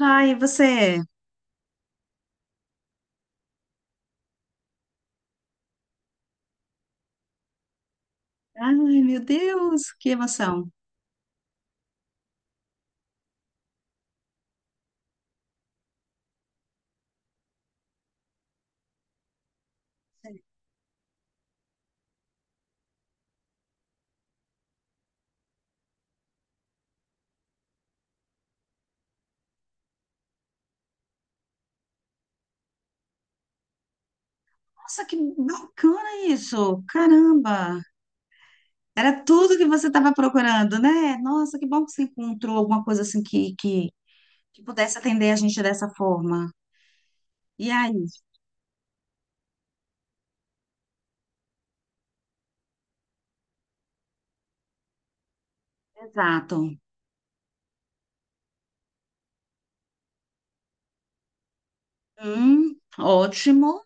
Ai, e você? Ai, meu Deus, que emoção. Nossa, que bacana isso! Caramba! Era tudo que você estava procurando, né? Nossa, que bom que você encontrou alguma coisa assim que pudesse atender a gente dessa forma. E aí? Exato. Ótimo.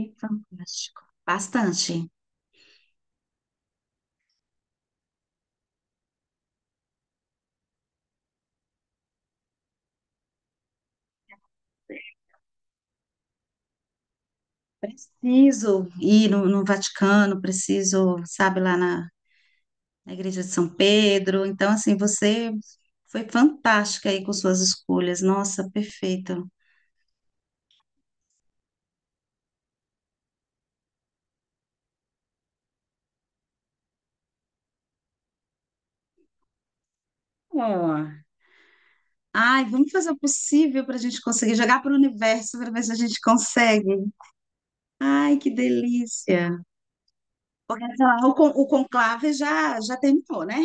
E fantástico. Bastante. Preciso ir no Vaticano, preciso, sabe, lá na Igreja de São Pedro. Então, assim, você foi fantástica aí com suas escolhas. Nossa, perfeita. Ó, ai, vamos fazer o possível para a gente conseguir jogar para o universo para ver se a gente consegue. Ai, que delícia. Porque sei lá, o conclave já terminou, né?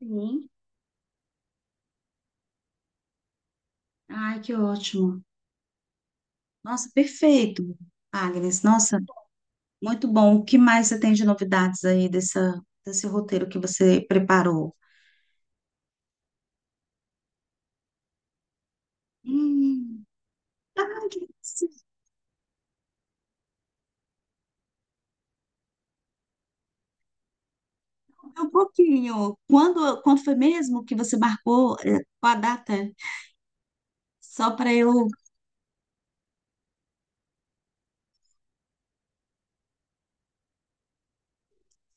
Sim. Ai, que ótimo. Nossa, perfeito, Agnes. Nossa, muito bom. O que mais você tem de novidades aí desse roteiro que você preparou? Hum, ai, que delícia. Um pouquinho. Quando foi mesmo que você marcou com a data? Só para eu.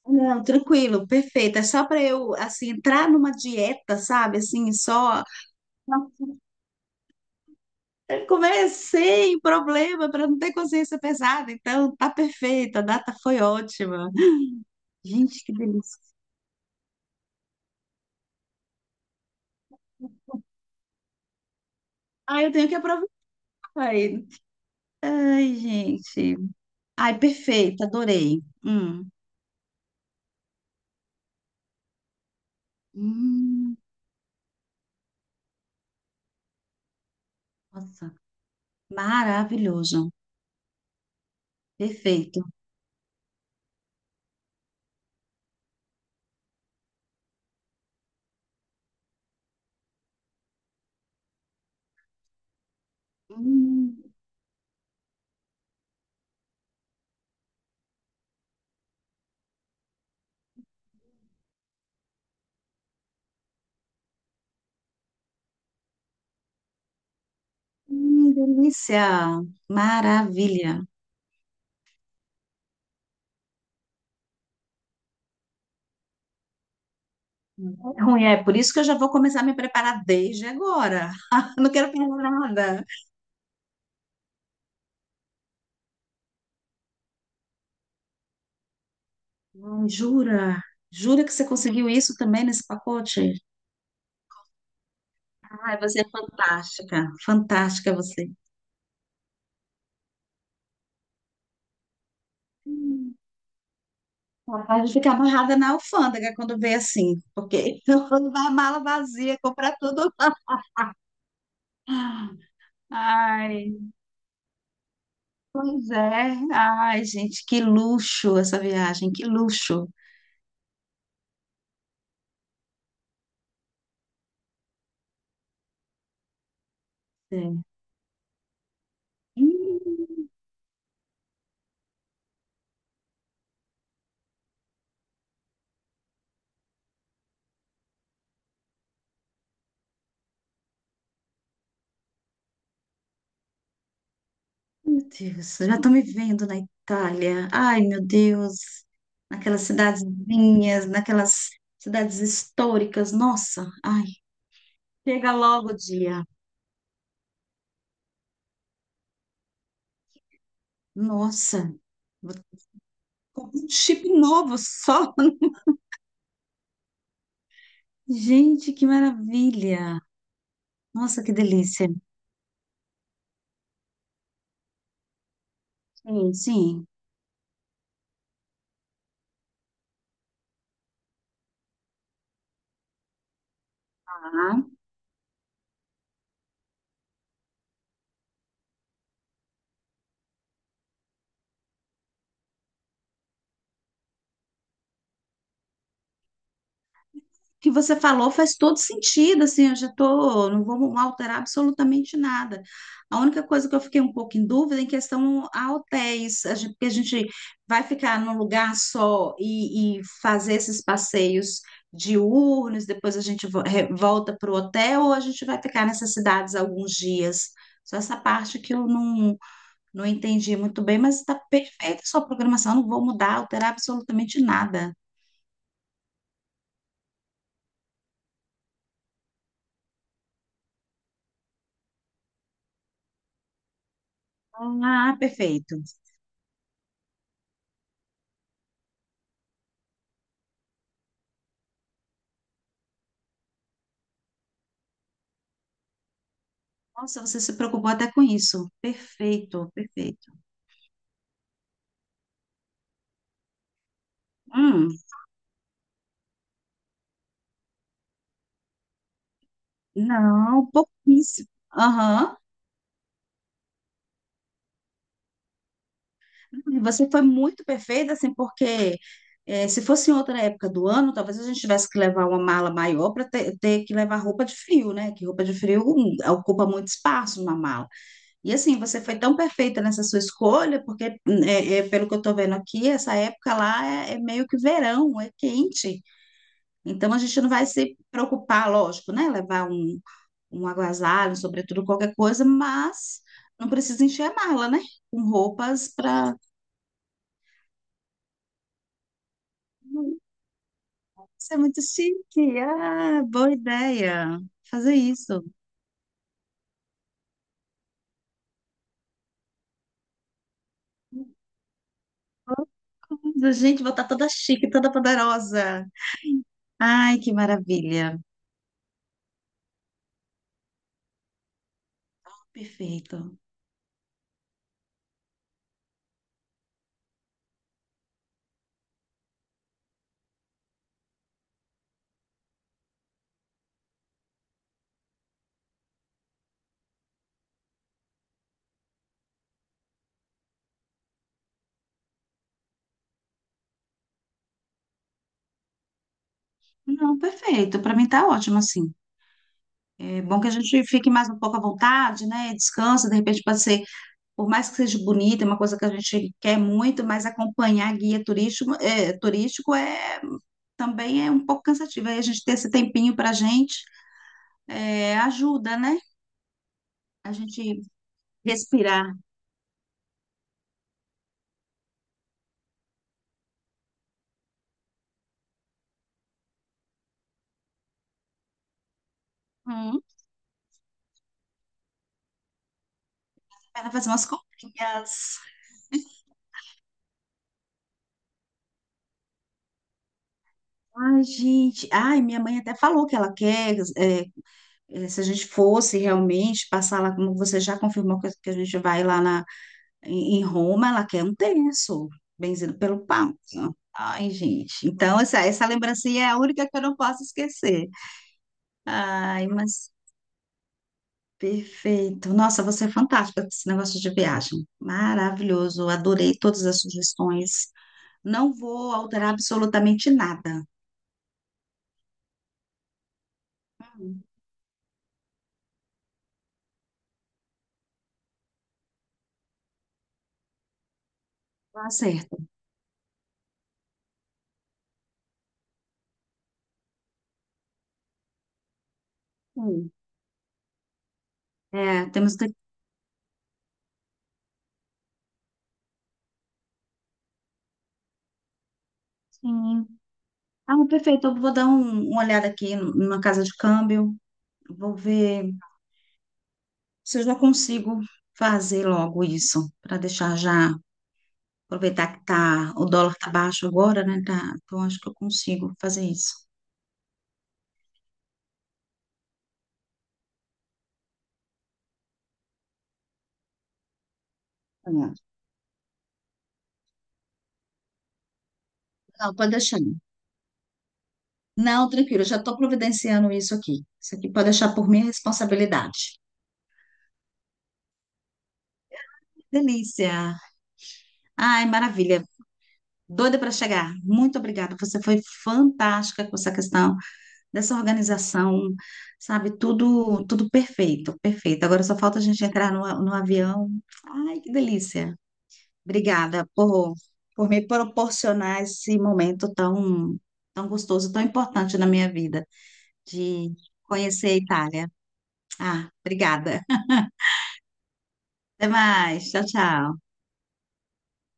Não, tranquilo, perfeito. É só para eu, assim, entrar numa dieta, sabe? Assim, só. Eu comer sem problema, para não ter consciência pesada. Então, tá perfeito. A data foi ótima. Gente, que delícia. Ai, eu tenho que aproveitar. Ai, ai, gente. Ai, perfeito, adorei. Hum. Hum, nossa, maravilhoso. Perfeito. Hum. Delícia! Maravilha! É ruim, é por isso que eu já vou começar a me preparar desde agora. Não quero perder nada. Ai, jura? Jura que você conseguiu isso também nesse pacote? Ai, você é fantástica. Fantástica você. Capaz de ficar amarrada na alfândega quando vê assim, porque quando vai a mala vazia, comprar tudo. Ai, pois é. Ai, gente, que luxo essa viagem, que luxo. É. Hum. Meu Deus, eu já estou me vendo na Itália. Ai, meu Deus, naquelas cidadezinhas, naquelas cidades históricas. Nossa, ai, chega logo o dia. Nossa, vou comprar um chip novo só. Gente, que maravilha. Nossa, que delícia. Sim, sim. Que você falou faz todo sentido, assim, eu já tô, não vou alterar absolutamente nada. A única coisa que eu fiquei um pouco em dúvida é em questão a hotéis, porque a gente vai ficar num lugar só e fazer esses passeios diurnos, depois a gente volta para o hotel ou a gente vai ficar nessas cidades alguns dias. Só essa parte que eu não, não entendi muito bem, mas está perfeita a sua programação, não vou mudar, alterar absolutamente nada. Ah, perfeito. Nossa, você se preocupou até com isso. Perfeito, perfeito. Hum, não, pouquíssimo. Aham. E você foi muito perfeita, assim, porque se fosse em outra época do ano, talvez a gente tivesse que levar uma mala maior para ter, ter que levar roupa de frio, né? Que roupa de frio ocupa muito espaço numa mala. E assim, você foi tão perfeita nessa sua escolha, porque, pelo que eu estou vendo aqui, essa época lá é meio que verão, é quente. Então a gente não vai se preocupar, lógico, né? Levar um agasalho, um sobretudo qualquer coisa, mas não precisa encher a, né? Com roupas para ser muito chique. Ah, boa ideia. Fazer isso. Boa coisa. Gente, vou estar toda chique, toda poderosa. Ai, que maravilha. Perfeito. Não, perfeito. Para mim tá ótimo assim. É bom que a gente fique mais um pouco à vontade, né? Descansa, de repente pode ser, por mais que seja bonita, é uma coisa que a gente quer muito, mas acompanhar guia turístico, é também é um pouco cansativo. Aí a gente ter esse tempinho para a gente ajuda, né? A gente respirar. Hum, ela fazer umas comprinhas. Ai, gente. Ai, minha mãe até falou que ela quer. Se a gente fosse realmente passar lá, como você já confirmou que a gente vai lá em em Roma, ela quer um terço, benzido pelo Papa. Ai, gente. Então, essa lembrancinha é a única que eu não posso esquecer. Ai, mas perfeito. Nossa, você é fantástica com esse negócio de viagem. Maravilhoso. Adorei todas as sugestões. Não vou alterar absolutamente nada. Hum, tá certo. Hum. É, temos daqui. Sim. Ah, perfeito. Eu vou dar uma olhada aqui numa casa de câmbio. Vou ver se eu já consigo fazer logo isso, para deixar já. Aproveitar que tá, o dólar tá baixo agora, né? Tá, então acho que eu consigo fazer isso. É. Não, pode deixar. Não, tranquilo, eu já estou providenciando isso aqui. Isso aqui pode deixar por minha responsabilidade. Delícia! Ai, maravilha! Doida para chegar. Muito obrigada. Você foi fantástica com essa questão dessa organização, sabe? Tudo perfeito, perfeito. Agora só falta a gente entrar no avião. Ai, que delícia! Obrigada por me proporcionar esse momento tão gostoso, tão importante na minha vida, de conhecer a Itália. Ah, obrigada. Até mais. Tchau, tchau.